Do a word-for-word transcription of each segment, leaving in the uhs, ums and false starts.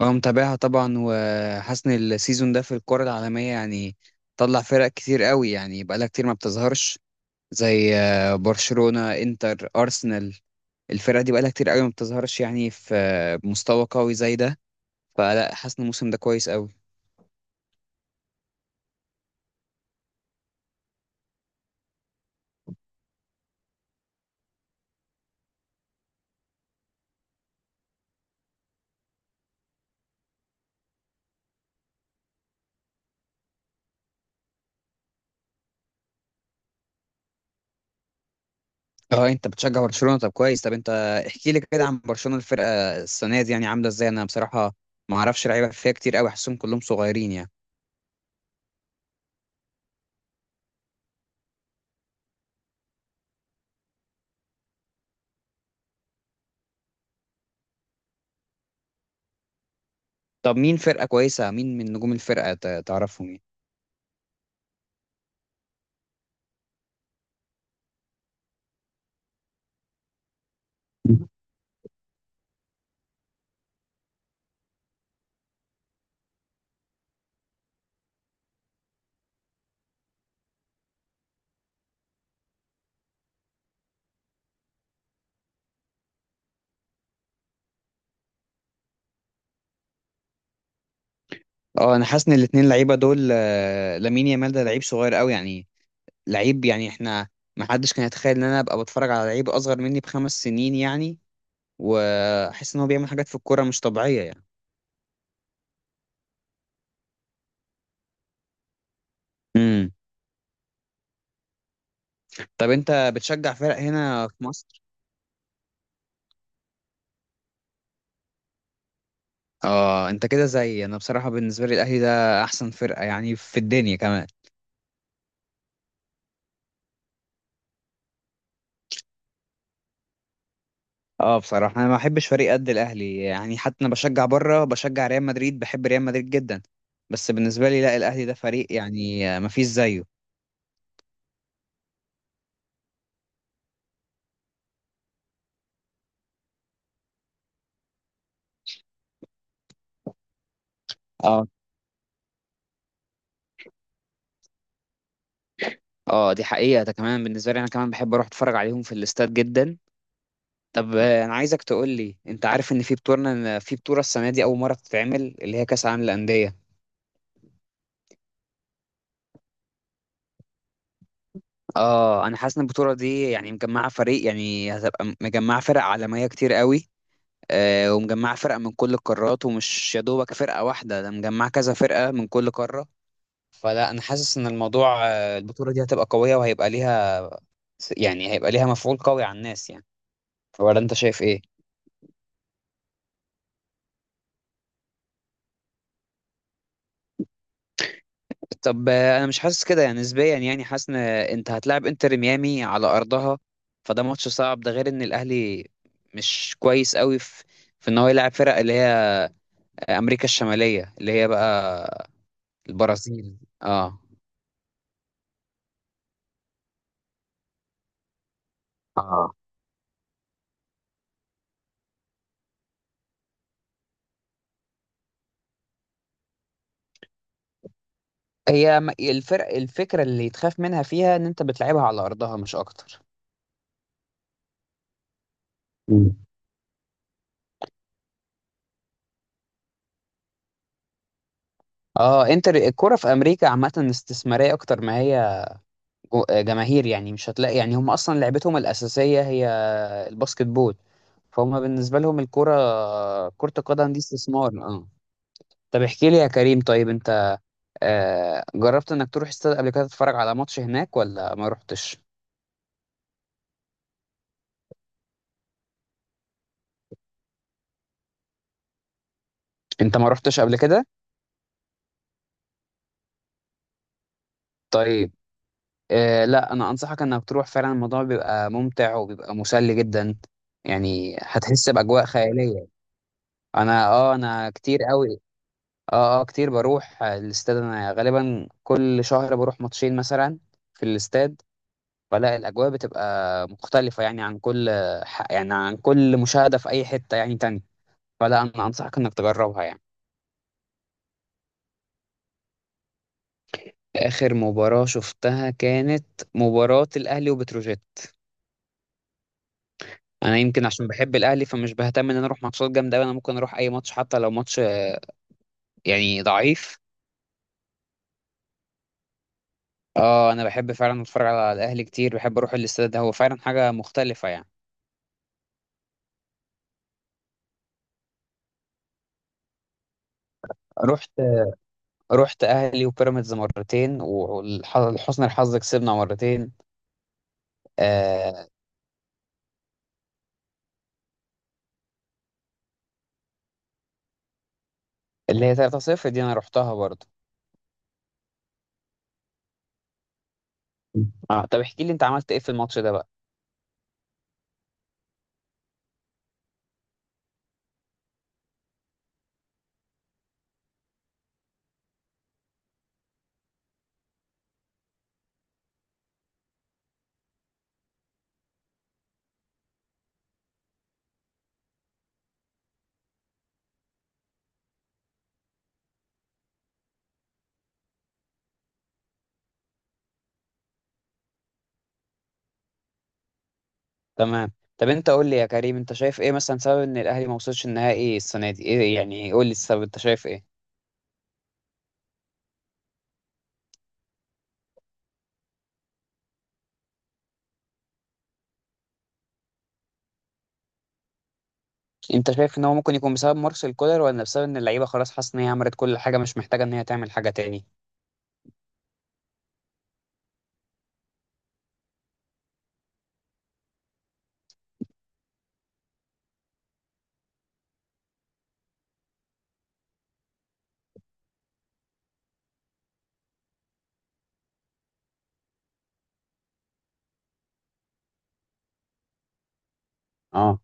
اه متابعها طبعا، وحاسس ان السيزون ده في الكرة العالمية يعني طلع فرق كتير قوي، يعني بقالها كتير ما بتظهرش، زي آه، برشلونة، انتر، ارسنال. الفرق دي بقالها كتير قوي ما بتظهرش يعني في آه، مستوى قوي زي ده. فلا، حاسس ان الموسم ده كويس قوي. اه انت بتشجع برشلونة؟ طب كويس. طب انت احكي لي كده عن برشلونة، الفرقة السنة دي يعني عاملة ازاي؟ انا بصراحة ما اعرفش لعيبة فيها كتير قوي، حاسسهم كلهم صغيرين يعني. طب مين فرقة كويسة؟ مين من نجوم الفرقة ت- تعرفهم يعني؟ اه انا حاسس ان الاتنين لعيبه دول، آه، لامين يامال ده لعيب صغير قوي يعني. لعيب يعني احنا، ما حدش كان يتخيل ان انا ابقى بتفرج على لعيب اصغر مني بخمس سنين يعني. واحس ان هو بيعمل حاجات في الكوره مش طبيعيه يعني. امم طب انت بتشجع فرق هنا في مصر؟ اه انت كده زي انا. بصراحه بالنسبه لي، الاهلي ده احسن فرقه يعني في الدنيا كمان. اه بصراحه انا ما بحبش فريق قد الاهلي يعني، حتى انا بشجع بره، بشجع ريال مدريد، بحب ريال مدريد جدا. بس بالنسبه لي، لا، الاهلي ده فريق يعني آه، ما فيش زيه. اه، اه، دي حقيقة. ده كمان بالنسبة لي، انا كمان بحب اروح اتفرج عليهم في الاستاد جدا. طب آه، انا عايزك تقول لي، انت عارف ان في بطولة، في بطولة السنة دي اول مرة تتعمل، اللي هي كأس العالم للأندية؟ اه انا حاسس ان البطولة دي يعني مجمعة فريق، يعني هتبقى م- مجمعة فرق عالمية كتير قوي. آه، ومجمعة فرق من كل القارات، ومش يا دوبك فرقة واحدة، ده مجمعة كذا فرقة من كل قارة. فلا، انا حاسس ان الموضوع، آه، البطولة دي هتبقى قوية، وهيبقى ليها، يعني هيبقى ليها مفعول قوي على الناس يعني. ولا انت شايف ايه؟ طب آه، انا مش حاسس كده يعني. نسبيا يعني، حاسس ان انت هتلعب انتر ميامي على ارضها، فده ماتش صعب. ده غير ان الاهلي مش كويس قوي في، في ان هو يلعب فرق اللي هي امريكا الشماليه، اللي هي بقى البرازيل. اه، اه، هي م- الفرق، الفكرة اللي يتخاف منها فيها ان انت بتلعبها على ارضها، مش اكتر. مم. اه انتر، الكرة في امريكا عامة استثمارية اكتر ما هي جو- آه، جماهير يعني. مش هتلاقي يعني، هم اصلا لعبتهم الاساسيه هي الباسكت بول. فهم بالنسبه لهم الكره، كره القدم دي استثمار. اه، طب احكي لي يا كريم، طيب انت آه، جربت انك تروح استاد قبل كده تتفرج على ماتش هناك، ولا ما رحتش؟ انت ما رحتش قبل كده؟ طيب، آه، لا، انا انصحك انك تروح فعلا. الموضوع بيبقى ممتع وبيبقى مسلي جدا. يعني هتحس باجواء خياليه. انا اه، انا كتير قوي، اه، اه، كتير بروح الاستاد. انا غالبا كل شهر بروح ماتشين مثلا في الاستاد. فلا، الاجواء بتبقى مختلفه يعني عن كل ح- يعني عن كل مشاهده في اي حته يعني تاني. فلا، انا انصحك انك تجربها يعني. اخر مباراه شفتها كانت مباراه الاهلي وبتروجيت. انا يمكن عشان بحب الاهلي، فمش بهتم ان انا اروح ماتشات جامده أوي، انا ممكن اروح اي ماتش حتى لو ماتش يعني ضعيف. اه، انا بحب فعلا اتفرج على الاهلي كتير، بحب اروح الاستاد، ده هو فعلا حاجه مختلفه يعني. رحت رحت اهلي وبيراميدز مرتين، ولحسن الحظ كسبنا مرتين. آه، اللي هي تلاتة صفر دي انا رحتها برضو. اه، طب احكي لي انت عملت ايه في الماتش ده بقى؟ تمام. طب انت قول لي يا كريم، انت شايف ايه مثلا سبب ان الاهلي ما وصلش النهائي السنه دي؟ ايه يعني؟ قول لي السبب. انت شايف ايه؟ انت شايف ان هو ممكن يكون بسبب مارسيل كولر، ولا بسبب ان اللعيبه خلاص حاسه ان هي عملت كل حاجه، مش محتاجه ان هي تعمل حاجه تاني؟ اه.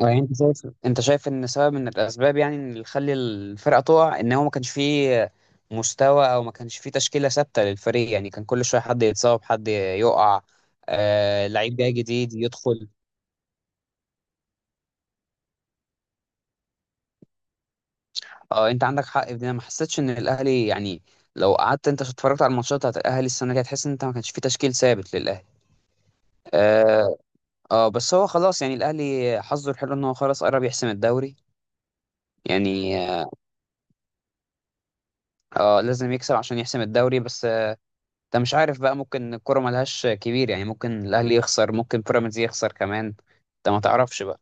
يعني انت شايف، انت شايف ان سبب من الاسباب يعني، ان اللي خلي الفرقه تقع، ان هو ما كانش فيه مستوى، او ما كانش فيه تشكيله ثابته للفريق؟ يعني كان كل شويه حد يتصاب، حد يقع، آه، لعيب جاي جديد يدخل. اه، انت عندك حق في دي. انا ما حسيتش ان الاهلي يعني، لو قعدت انت اتفرجت على الماتشات بتاعت الاهلي السنه دي، هتحس ان انت ما كانش فيه تشكيل ثابت للاهلي. اه. آه، بس هو خلاص يعني، الاهلي حظه الحلو ان هو خلاص قرب يحسم الدوري. يعني اه، آه، لازم يكسب عشان يحسم الدوري بس. انت مش عارف بقى، ممكن الكرة ملهاش كبير يعني، ممكن الاهلي يخسر، ممكن بيراميدز يخسر كمان، انت ما تعرفش بقى.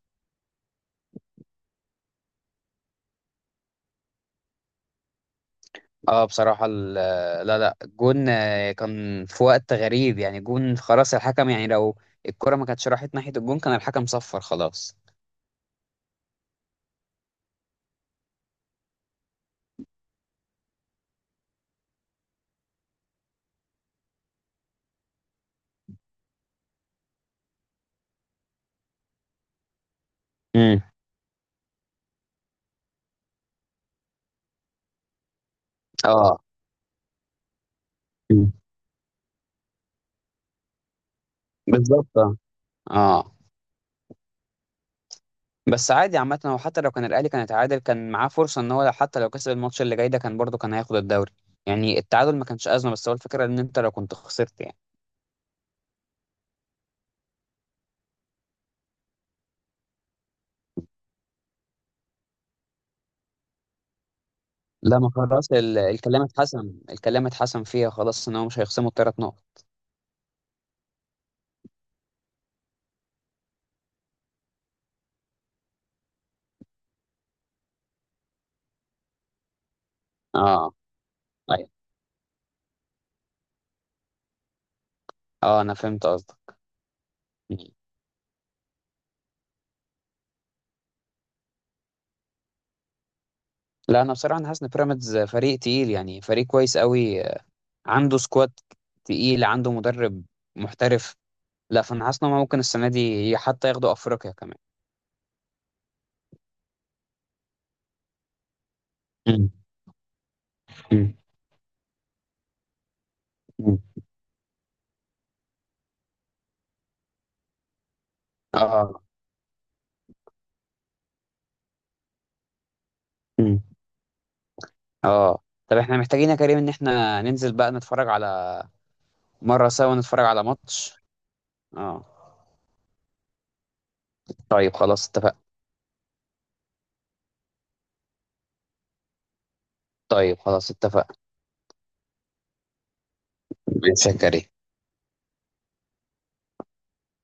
اه بصراحة ال- لا لا، جون. آه، كان في وقت غريب يعني، جون خلاص الحكم يعني، لو الكرة ما كانتش راحت ناحية الجون كان الحكم صفر خلاص. امم اه. مم. بالظبط، اه. آه. بس عادي عامة، هو حتى لو كان الأهلي كان اتعادل، كان معاه فرصة إن هو لو حتى لو كسب الماتش اللي جاي ده، كان برضه كان هياخد الدوري. يعني التعادل ما كانش أزمة، بس هو الفكرة إن أنت لو كنت خسرت يعني. لا، ما خلاص ال- الكلام اتحسم، الكلام اتحسم فيها خلاص ان هو مش هيخصموا الثلاث نقط. اه. ايوه. اه انا فهمت قصدك. مم. لا انا بصراحه انا حاسس ان بيراميدز فريق تقيل يعني، فريق كويس قوي، عنده سكواد تقيل، عنده مدرب محترف. لا، فانا حاسس ان هم ممكن السنه دي حتى ياخدوا افريقيا كمان. مم. مم. مم. اه. مم. اه، طب احنا محتاجين يا كريم ان احنا ننزل بقى نتفرج على، مره سوا نتفرج على ماتش. اه، طيب خلاص اتفق. طيب خلاص اتفق. بن سكري